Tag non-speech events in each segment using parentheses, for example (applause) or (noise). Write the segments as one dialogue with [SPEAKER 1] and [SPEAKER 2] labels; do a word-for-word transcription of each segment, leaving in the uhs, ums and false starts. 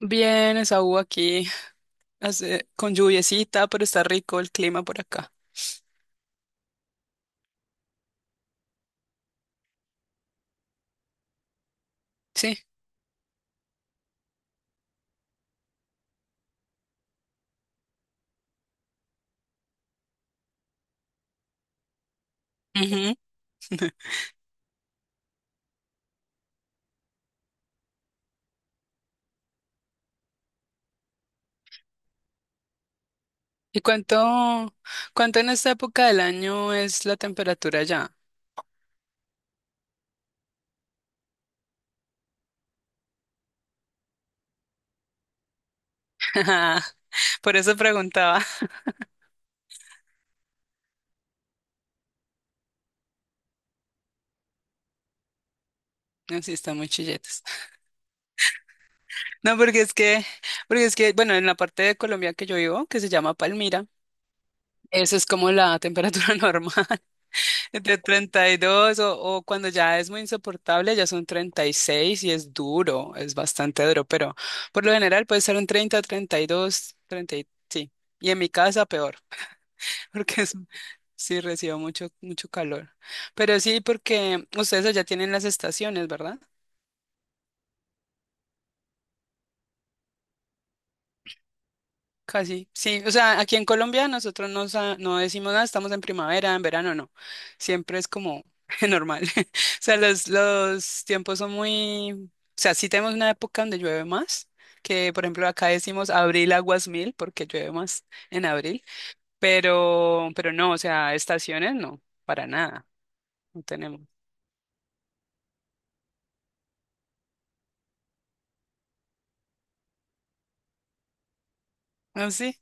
[SPEAKER 1] Bien, Esaú aquí, hace- con lluviecita, pero está rico el clima por acá. Sí. Ujú. ¿Y cuánto, cuánto en esta época del año es la temperatura ya? (laughs) Por eso preguntaba. Así está muy chilletas. No, porque es que, porque es que, bueno, en la parte de Colombia que yo vivo, que se llama Palmira, esa es como la temperatura (laughs) normal. De treinta y dos o, o cuando ya es muy insoportable, ya son treinta y seis y es duro, es bastante duro, pero por lo general puede ser un treinta, treinta y dos, treinta, y- sí. Y en mi casa peor, (laughs) porque es, sí recibo mucho, mucho calor. Pero sí, porque ustedes ya tienen las estaciones, ¿verdad? Casi, sí. O sea, aquí en Colombia nosotros no, sa- no decimos nada, estamos en primavera, en verano, no. Siempre es como (laughs) normal. (laughs) O sea, los, los tiempos son muy... O sea, sí tenemos una época donde llueve más, que por ejemplo acá decimos abril aguas mil, porque llueve más en abril, pero, pero no, o sea, estaciones no, para nada, no tenemos. ¿Ah, sí?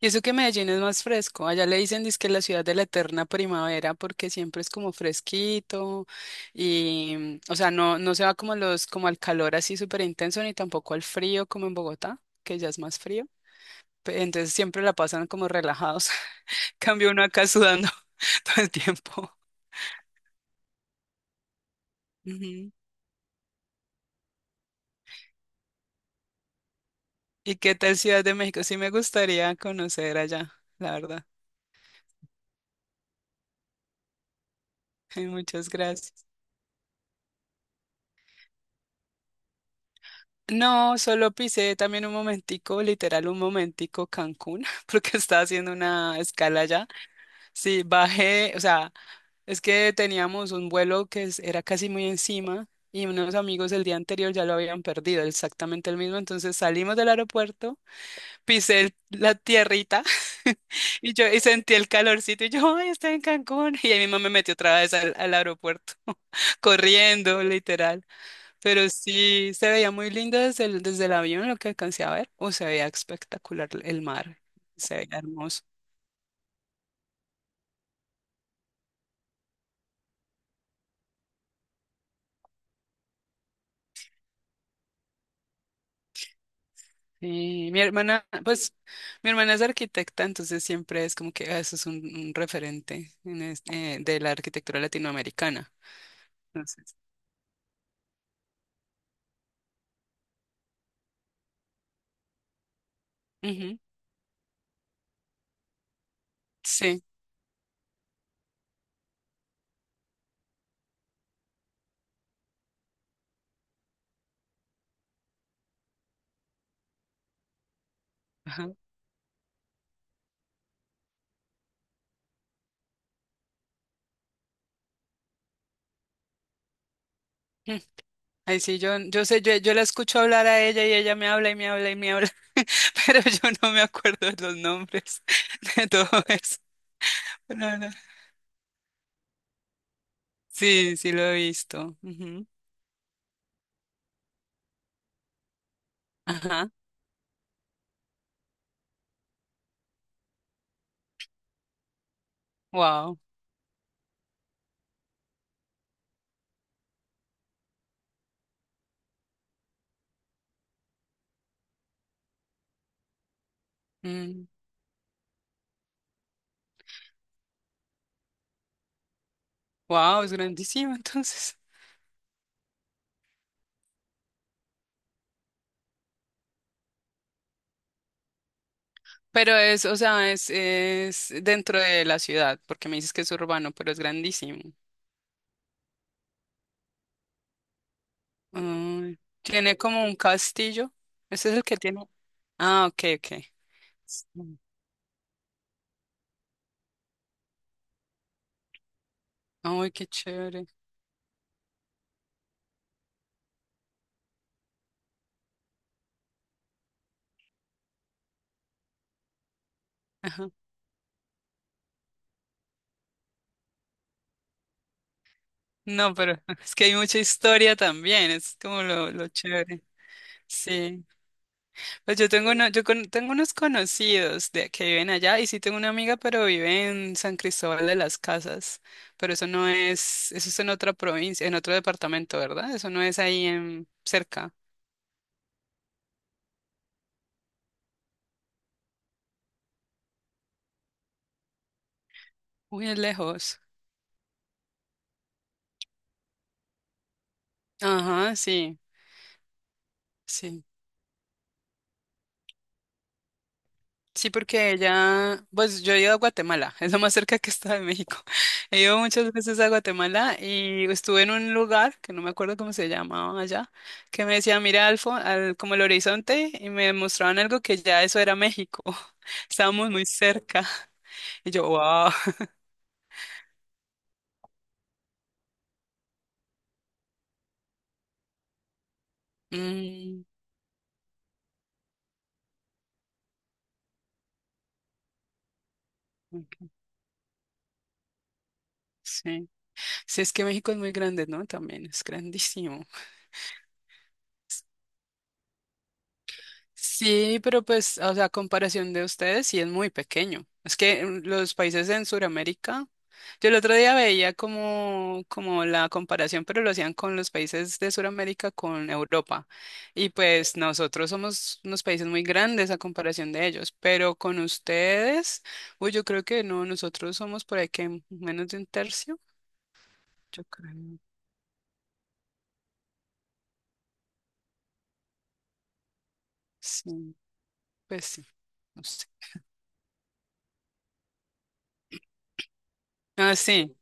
[SPEAKER 1] Y eso que Medellín es más fresco. Allá le dicen que la ciudad de la eterna primavera porque siempre es como fresquito y, o sea, no, no se va como los, como al calor así súper intenso ni tampoco al frío como en Bogotá, que ya es más frío. Pe- Entonces siempre la pasan como relajados. (laughs) Cambio uno acá sudando (laughs) todo el tiempo. Ujú. ¿Y qué tal Ciudad de México? Sí me gustaría conocer allá, la verdad. (laughs) Muchas gracias. No, solo pisé también un momentico, literal un momentico Cancún, (laughs) porque estaba haciendo una escala allá. Sí, bajé, o sea, es que teníamos un vuelo que es- era casi muy encima y unos amigos el día anterior ya lo habían perdido, exactamente el mismo. Entonces salimos del aeropuerto, pisé el- la tierrita (laughs) y yo y sentí el calorcito y yo, ay, estoy en Cancún. (laughs) Y ahí mismo me metí otra vez al, al aeropuerto, (laughs) corriendo, literal. Pero sí, se veía muy lindo desde el, desde el avión lo que alcancé a ver. O se veía espectacular el mar, se veía hermoso. Sí, mi hermana, pues mi hermana es arquitecta, entonces siempre es como que ah, eso es un, un referente en este- eh, de la arquitectura latinoamericana. Entonces, ujú, sí, ajá. Mm. Ahí sí, yo, yo sé, yo, yo la escucho hablar a ella y ella me habla y me habla y me habla, (laughs) pero yo no me acuerdo de los nombres (laughs) de todo eso. No, no. Sí, sí lo he visto. Ujú. Ajá, wow. Wow, es grandísima (laughs) entonces. Pero es, o sea, es, es dentro de la ciudad, porque me dices que es urbano, pero es grandísimo. Ay, tiene como un castillo. Ese es el que tiene. Ah, ok, ok. Mm. Ay, qué chévere. Ajá. No, pero (laughs) es que hay mucha historia también, es como lo, lo chévere. Sí. Pues Yo tengo, uno- yo con- tengo unos conocidos de, que viven allá y sí tengo una amiga, pero vive en San Cristóbal de las Casas. Pero eso no es, eso es en otra provincia, en otro departamento, ¿verdad? Eso no es ahí en cerca. Uy, es lejos. Ajá, sí, sí. Sí, porque ella, pues yo he ido a Guatemala, (laughs) es lo más cerca que está de México. (laughs) He ido muchas veces a Guatemala y estuve en un lugar que no me acuerdo cómo se llamaba allá, que me decía, mira al, fo- al- como el horizonte y me mostraban algo que ya eso era México. (laughs) Estábamos muy cerca. Y yo, wow. (laughs) Mm, ok, sí. Sí, es que México es muy grande, ¿no? También es grandísimo. Sí, pero pues, o sea, a comparación de ustedes, sí es muy pequeño. Es que mm, los países en Sudamérica, yo el otro día veía como, como la comparación, pero lo hacían con los países de Sudamérica con Europa. Y pues nosotros somos unos países muy grandes a comparación de ellos, pero con ustedes, uy, yo creo que no, nosotros somos por ahí que menos de un tercio, yo creo. Sí, pues sí, no sé. Ah, sí.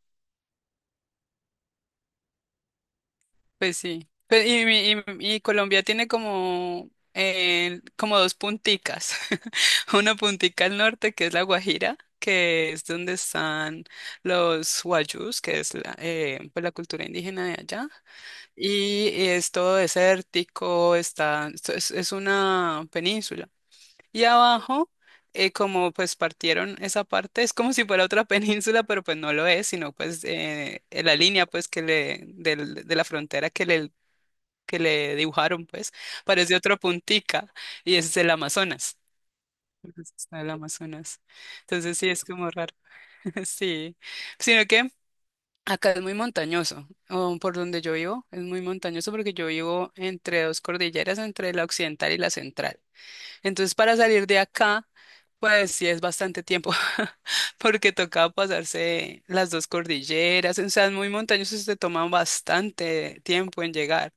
[SPEAKER 1] Pues sí. Pe- y, mi- y- y Colombia tiene como, eh, como dos punticas. (laughs) Una puntica al norte, que es la Guajira, que es donde están los guayús, que es la, eh, pues la cultura indígena de allá. Y es todo desértico, está, esto es, es una península. Y abajo, eh, como pues partieron esa parte, es como si fuera otra (laughs) península, pero pues no lo es, sino pues eh, la línea pues que le, del- de la frontera que le que le dibujaron, pues, parecía otra puntica y ese es el Amazonas. Entonces, está el Amazonas. Entonces sí, es como raro. (laughs) Sí. Sino que acá es muy montañoso, o por donde yo vivo, es muy montañoso porque yo vivo entre dos cordilleras, entre la occidental y la central. Entonces, para salir de acá, pues sí es bastante tiempo, (laughs) porque toca pasarse las dos cordilleras, o sea, es muy montañoso, se toma bastante tiempo en llegar.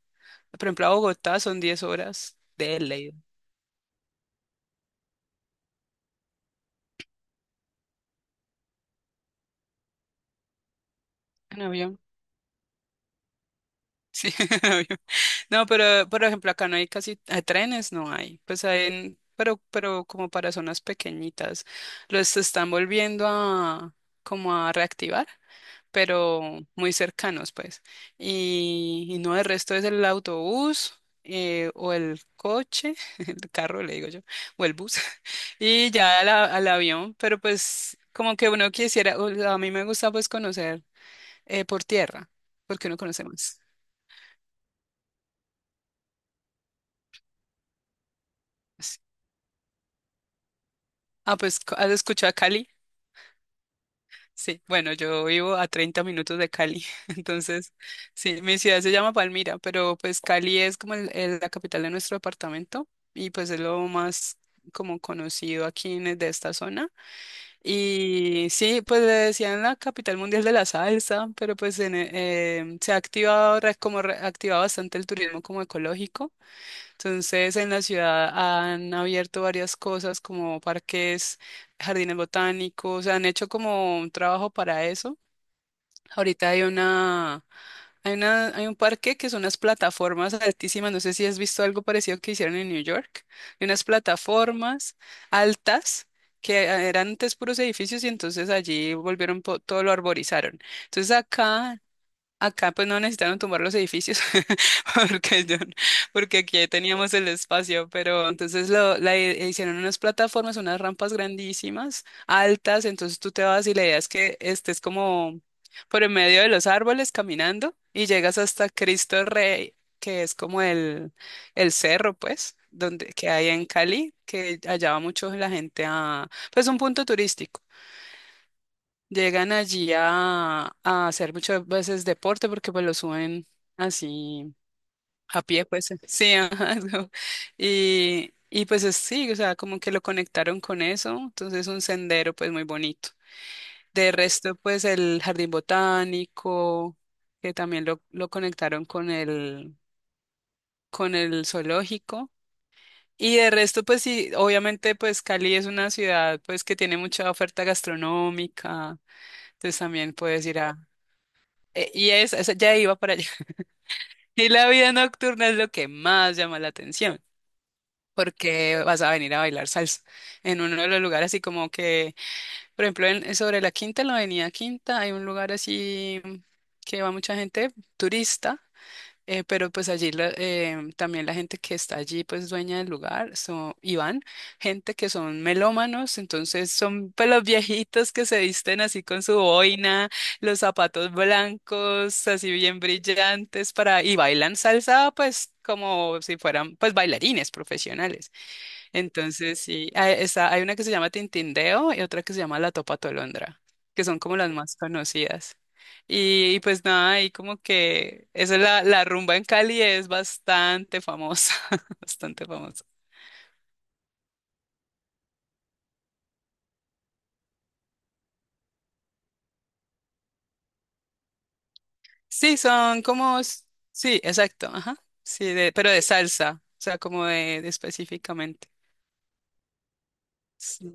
[SPEAKER 1] Por ejemplo, a Bogotá son diez horas de ley. En avión. Sí, (laughs) en avión. No, pero por ejemplo, acá no hay casi eh, trenes, no hay. Pues hay, en- pero, pero como para zonas pequeñitas. Los están volviendo a como a reactivar. Pero muy cercanos, pues. Y, y no, el resto es el autobús eh, o el coche, (laughs) el carro, le digo yo, o el bus, (laughs) y ya al, a- al avión, pero pues como que uno quisiera, o sea, a mí me gusta pues conocer eh, por tierra, porque uno conoce más. Sí. Ah, pues, ¿has escuchado a Cali? Sí, bueno, yo vivo a treinta minutos de Cali, (laughs) entonces, sí, mi ciudad se llama Palmira, pero pues Cali es como el- el- la capital de nuestro departamento y pues es lo más como conocido aquí en, e, de esta zona. Y sí, pues le decían la capital mundial de la salsa, pero pues en, eh, em, se ha activado, re- como re- ha activado bastante el turismo como ecológico. Entonces, en la ciudad han abierto varias cosas como parques, jardines botánicos, han hecho como un trabajo para eso. Ahorita hay una, hay una, hay un parque que son unas plataformas altísimas, no sé si has visto algo parecido que hicieron en New York, de unas plataformas altas que eran antes puros edificios y entonces allí volvieron, po- todo lo arborizaron. Entonces acá Acá pues no necesitaron tumbar los edificios (laughs) porque, yo- porque aquí ya teníamos el espacio, pero entonces lo, la i- hicieron unas plataformas, unas rampas grandísimas, altas, entonces tú te vas y la idea es que estés como por en medio de los árboles caminando y llegas hasta Cristo Rey, que es como el, el cerro pues, donde, que hay en Cali, que allá va mucho la gente a, pues un punto turístico. Llegan allí a, a hacer muchas veces deporte porque pues lo suben así a pie, pues (laughs) sí, ajá, es como- Y, y pues es- sí, o sea, como que lo conectaron con eso, entonces un sendero pues muy bonito. De resto, pues el jardín botánico, que también lo, lo conectaron con el, con el zoológico. Y de resto, pues sí, obviamente pues Cali es una ciudad pues que tiene mucha oferta gastronómica, entonces también puedes ir a... Eh, Y es, eso ya iba para allá. (laughs) Y la vida nocturna es lo que más llama la atención, porque vas a venir a bailar salsa en uno de los lugares así como que, por ejemplo, en, sobre la Quinta, en la Avenida Quinta, hay un lugar así que va mucha gente turista eh, pero pues allí la- eh, también la gente que está allí, pues dueña del lugar, son, y van, gente que son melómanos, entonces son pues, los viejitos que se visten así con su boina, los zapatos blancos, así bien brillantes para, y bailan salsa pues como si fueran pues bailarines profesionales. Entonces, sí, hay, está, hay una que se llama Tintindeo y otra que se llama La Topa Tolondra, que son como las más conocidas. Y, y pues nada, ahí como que esa es la, la rumba en Cali es bastante famosa, (laughs) bastante famosa. Sí, son como, s- sí, exacto, ajá, sí, de, pero de salsa, o sea, como de, de específicamente. Sí,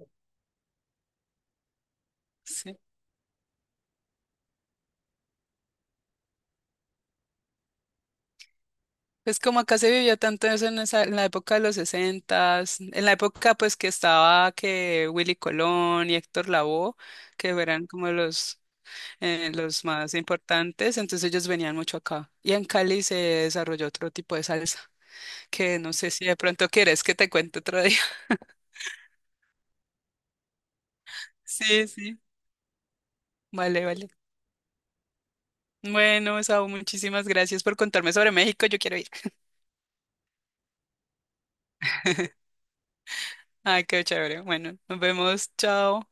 [SPEAKER 1] sí. Pues como acá se vivió tanto eso en esa, en la época de los sesentas, en la época pues que estaba que Willy Colón y Héctor Lavoe, que eran como los, eh, los más importantes, entonces ellos venían mucho acá. Y en Cali se desarrolló otro tipo de salsa, que no sé si de pronto quieres que te cuente otro día. (laughs) Sí, sí. Vale, vale. Bueno, Saúl, muchísimas gracias por contarme sobre México, yo quiero ir. (laughs) Ay, qué chévere. Bueno, nos vemos, chao.